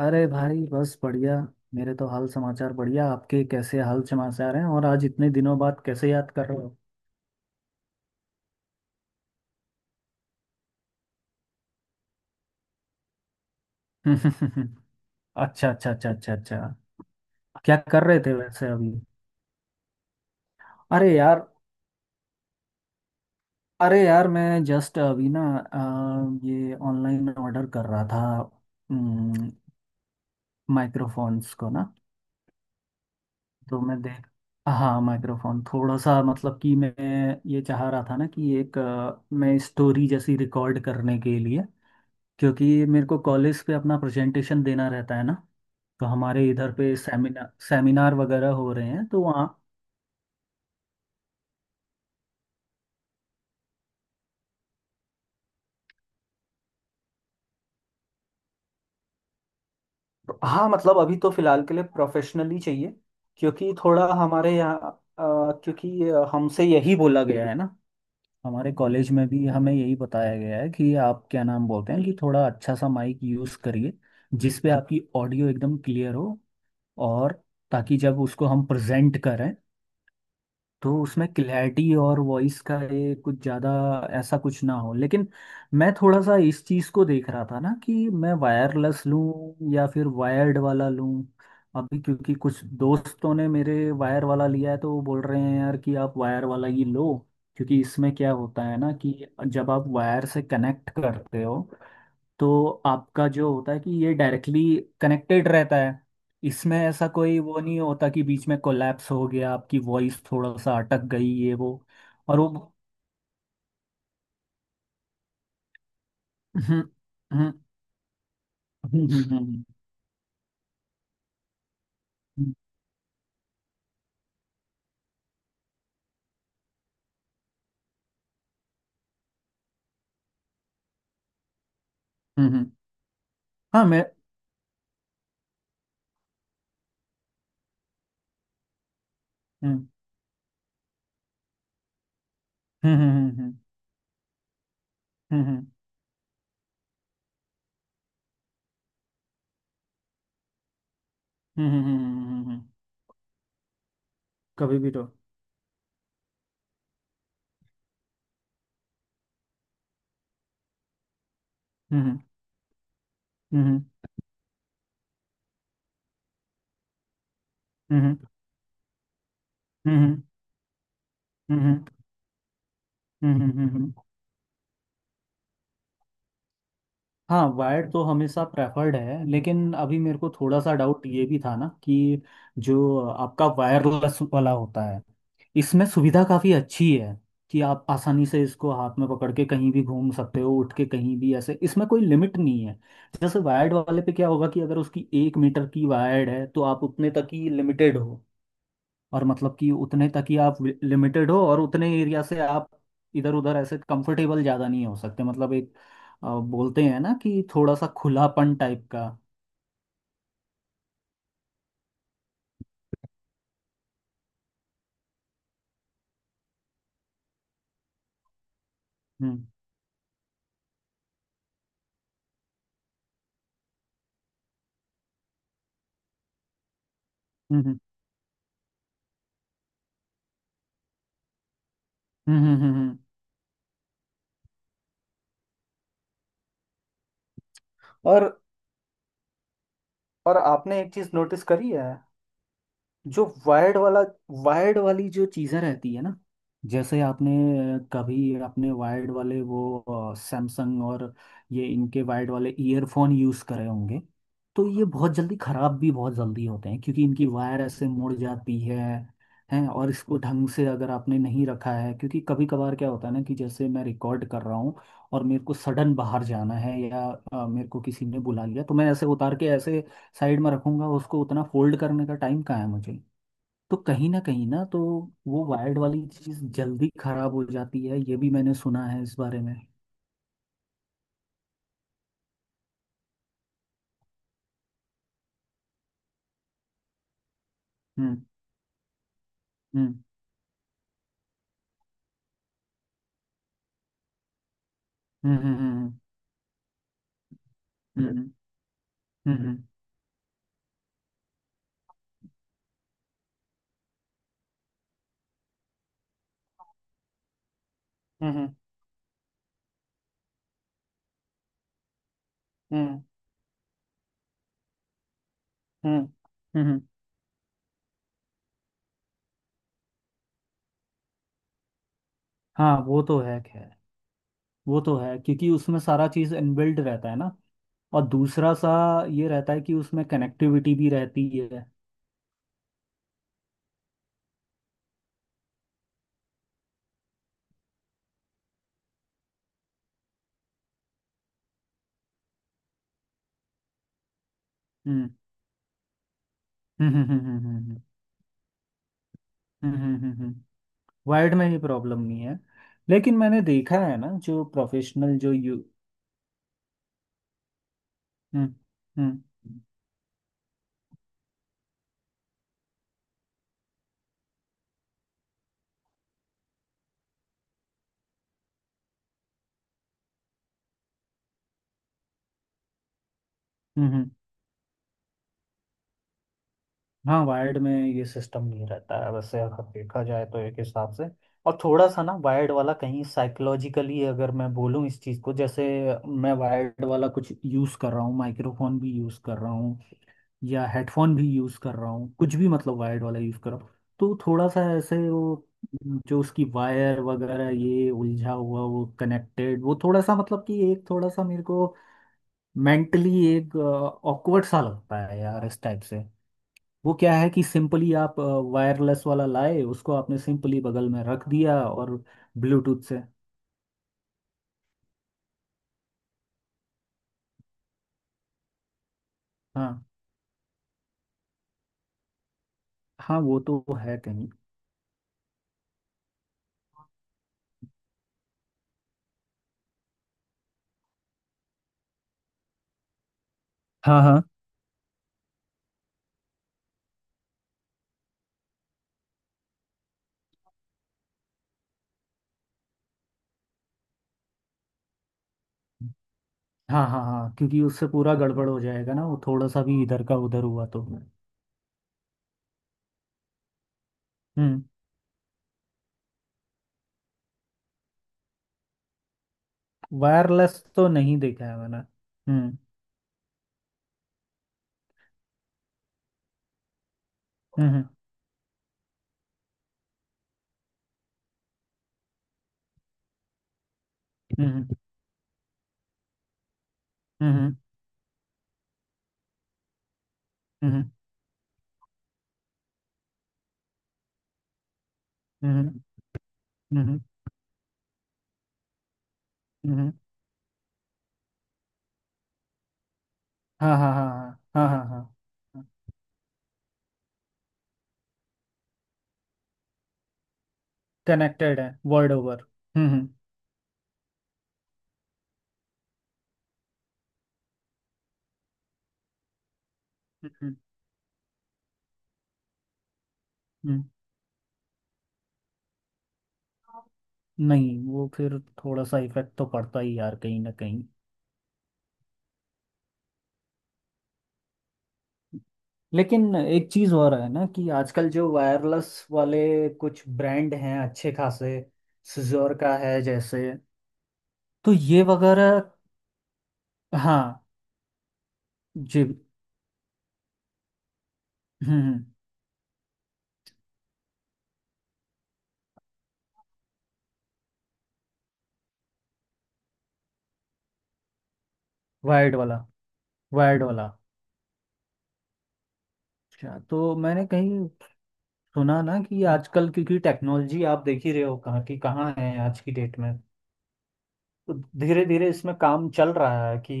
अरे भाई, बस बढ़िया। मेरे तो हाल समाचार बढ़िया, आपके कैसे हाल समाचार हैं? और आज इतने दिनों बाद कैसे याद कर रहे हो? अच्छा, अच्छा, अच्छा, अच्छा, अच्छा। क्या कर रहे थे वैसे अभी? अरे यार, अरे यार, मैं जस्ट अभी ना ये ऑनलाइन ऑर्डर कर रहा था माइक्रोफोन्स को ना। तो मैं देख हाँ, माइक्रोफोन थोड़ा सा, मतलब कि मैं ये चाह रहा था ना कि एक मैं स्टोरी जैसी रिकॉर्ड करने के लिए। क्योंकि मेरे को कॉलेज पे अपना प्रेजेंटेशन देना रहता है ना। तो हमारे इधर पे सेमिनार सेमिनार वगैरह हो रहे हैं, तो वहाँ। हाँ, मतलब अभी तो फिलहाल के लिए प्रोफेशनली चाहिए। क्योंकि थोड़ा हमारे यहाँ क्योंकि हमसे यही बोला गया है ना। हमारे कॉलेज में भी हमें यही बताया गया है कि आप क्या नाम बोलते हैं, कि थोड़ा अच्छा सा माइक यूज़ करिए जिस पे आपकी ऑडियो एकदम क्लियर हो। और ताकि जब उसको हम प्रेजेंट करें, तो उसमें क्लैरिटी और वॉइस का ये कुछ ज़्यादा ऐसा कुछ ना हो। लेकिन मैं थोड़ा सा इस चीज़ को देख रहा था ना कि मैं वायरलेस लूँ या फिर वायर्ड वाला लूँ। अभी, क्योंकि कुछ दोस्तों ने मेरे वायर वाला लिया है, तो वो बोल रहे हैं यार कि आप वायर वाला ही लो। क्योंकि इसमें क्या होता है ना, कि जब आप वायर से कनेक्ट करते हो, तो आपका जो होता है कि ये डायरेक्टली कनेक्टेड रहता है। इसमें ऐसा कोई वो नहीं होता कि बीच में कोलैप्स हो गया, आपकी वॉइस थोड़ा सा अटक गई, ये वो। और वो हम्म, हम्म, हम्म, हम्म, हम्म, हम्म। हाँ, मैं हम्म, हम्म, हम्म, हम्म, हम्म, हम्म, हम्म। कभी भी तो हम्म, हम्म, हम्म, हम्म, हम्म, हम्म, हम्म, हम्म। हाँ, वायर्ड तो हमेशा प्रेफर्ड है। लेकिन अभी मेरे को थोड़ा सा डाउट ये भी था ना कि जो आपका वायरलेस वाला होता है, इसमें सुविधा काफ़ी अच्छी है। कि आप आसानी से इसको हाथ में पकड़ के कहीं भी घूम सकते हो, उठ के कहीं भी ऐसे, इसमें कोई लिमिट नहीं है। जैसे वायर्ड वाले पे क्या होगा कि अगर उसकी 1 मीटर की वायर्ड है, तो आप उतने तक ही लिमिटेड हो। और मतलब कि उतने तक ही आप लिमिटेड हो, और उतने एरिया से आप इधर उधर ऐसे कंफर्टेबल ज़्यादा नहीं हो सकते। मतलब एक बोलते हैं ना कि थोड़ा सा खुलापन टाइप का। हम्म, हम्म, हम्म, हम्म, हम्म, और और आपने एक चीज नोटिस करी है? जो वायर्ड वाला वायर्ड वाली जो चीज़ें रहती है ना, जैसे आपने कभी अपने वायर्ड वाले वो सैमसंग और ये इनके वायर्ड वाले ईयरफोन यूज़ करे होंगे। तो ये बहुत जल्दी ख़राब भी बहुत जल्दी होते हैं, क्योंकि इनकी वायर ऐसे मुड़ जाती है, हैं। और इसको ढंग से अगर आपने नहीं रखा है। क्योंकि कभी कभार क्या होता है ना कि जैसे मैं रिकॉर्ड कर रहा हूँ, और मेरे को सडन बाहर जाना है, या मेरे को किसी ने बुला लिया, तो मैं ऐसे उतार के ऐसे साइड में रखूंगा उसको। उतना फोल्ड करने का टाइम कहाँ है मुझे? तो कहीं ना तो वो वायर्ड वाली चीज़ जल्दी खराब हो जाती है, ये भी मैंने सुना है इस बारे में। हम्म, हम्म, हम्म, हम्म, हम्म, हम्म, हम्म, हम्म, हम्म, हम्म, हम्म, हम्म, हम्म। हाँ, वो तो है खैर। वो तो है क्योंकि उसमें सारा चीज़ इनबिल्ट रहता है ना। और दूसरा सा ये रहता है कि उसमें कनेक्टिविटी भी रहती है। हम्म, हम्म, हम्म, हम्म, हम्म, हम्म। वायर्ड में ही प्रॉब्लम नहीं है, लेकिन मैंने देखा है ना, जो प्रोफेशनल जो यू हम्म, हम्म, हम्म, हम्म। हाँ, वायर्ड में ये सिस्टम नहीं रहता है वैसे, अगर देखा जाए तो एक हिसाब से। और थोड़ा सा ना वायर्ड वाला कहीं साइकोलॉजिकली अगर मैं बोलूँ इस चीज़ को, जैसे मैं वायर्ड वाला कुछ यूज़ कर रहा हूँ, माइक्रोफोन भी यूज़ कर रहा हूँ या हेडफोन भी यूज़ कर रहा हूँ, कुछ भी मतलब वायर्ड वाला यूज़ कर रहा हूँ। तो थोड़ा सा ऐसे वो, जो उसकी वायर वगैरह, ये उलझा हुआ वो कनेक्टेड, वो थोड़ा सा मतलब कि एक थोड़ा सा मेरे को मेंटली एक ऑकवर्ड सा लगता है यार, इस टाइप से। वो क्या है कि सिंपली आप वायरलेस वाला लाए, उसको आपने सिंपली बगल में रख दिया, और ब्लूटूथ से। हाँ, हाँ, वो तो है कहीं। हाँ, हाँ, हाँ, हाँ, हाँ, क्योंकि उससे पूरा गड़बड़ हो जाएगा ना, वो थोड़ा सा भी इधर का उधर हुआ तो। हम्म। वायरलेस तो नहीं देखा है मैंने। हम्म, हम्म, हम्म, हम्म, हम्म, हम्म, हम्म, हम्म, हम्म, हम्म, हम्म। हाँ, हाँ, हाँ, हाँ, हाँ, हाँ, हाँ, हाँ, कनेक्टेड है वर्ड ओवर। हम्म, हम्म, हम्म, हम्म। नहीं, वो फिर थोड़ा सा इफेक्ट तो पड़ता ही यार, कहीं ना कहीं। लेकिन एक चीज हो रहा है ना कि आजकल जो वायरलेस वाले कुछ ब्रांड हैं अच्छे खासे। सिजोर का है जैसे, तो ये वगैरह। हाँ, जी। हम्म, हम्म। वायर्ड वाला, वायर्ड वाला। अच्छा, तो मैंने कहीं सुना ना कि आजकल, क्योंकि टेक्नोलॉजी आप देख ही रहे हो कहाँ की कहाँ है आज की डेट में। तो धीरे धीरे इसमें काम चल रहा है कि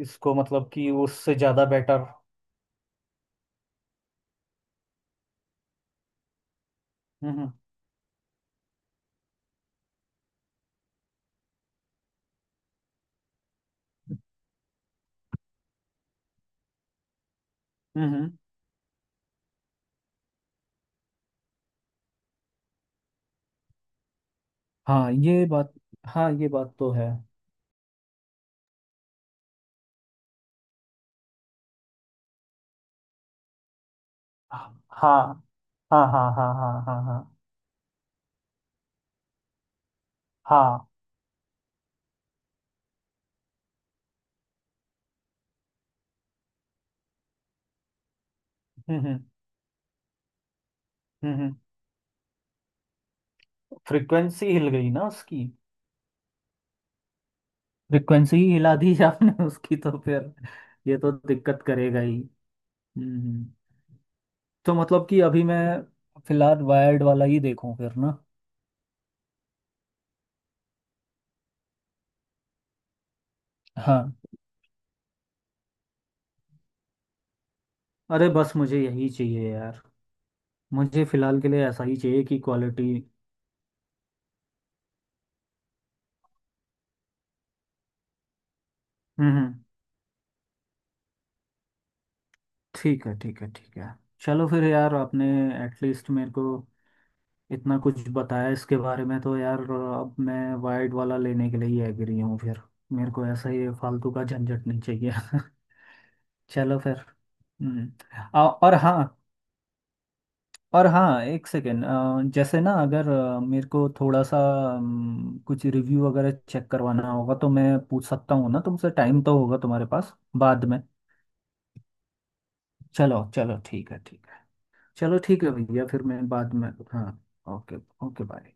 इसको मतलब कि उससे ज़्यादा बेटर। हम्म, हम्म, हम्म। हाँ ये बात हाँ, ये बात तो है। हाँ, हाँ, हाँ, हाँ, हाँ, हाँ, हाँ, हाँ, हाँ, हम्म, हम्म, हम्म। फ्रीक्वेंसी हिल गई ना उसकी? फ्रीक्वेंसी ही हिला दी आपने उसकी, तो फिर ये तो दिक्कत करेगा ही। हम्म। तो मतलब कि अभी मैं फिलहाल वायर्ड वाला ही देखूं फिर ना? हाँ, अरे, बस मुझे यही चाहिए यार। मुझे फिलहाल के लिए ऐसा ही चाहिए कि क्वालिटी हम्म, हम्म। ठीक है, ठीक है, ठीक है। चलो फिर यार, आपने एटलीस्ट मेरे को इतना कुछ बताया इसके बारे में, तो यार अब मैं वायर्ड वाला लेने के लिए ही एग्री हूँ फिर। मेरे को ऐसा ही फालतू का झंझट नहीं चाहिए। चलो फिर। हम्म। और हाँ, और हाँ, एक सेकेंड। जैसे ना, अगर मेरे को थोड़ा सा कुछ रिव्यू वगैरह चेक करवाना होगा, तो मैं पूछ सकता हूँ ना तुमसे, टाइम तो होगा तुम्हारे पास बाद में? चलो, चलो, ठीक है, ठीक है। चलो, ठीक है भैया, फिर मैं बाद में, हाँ। ओके। Okay, bye.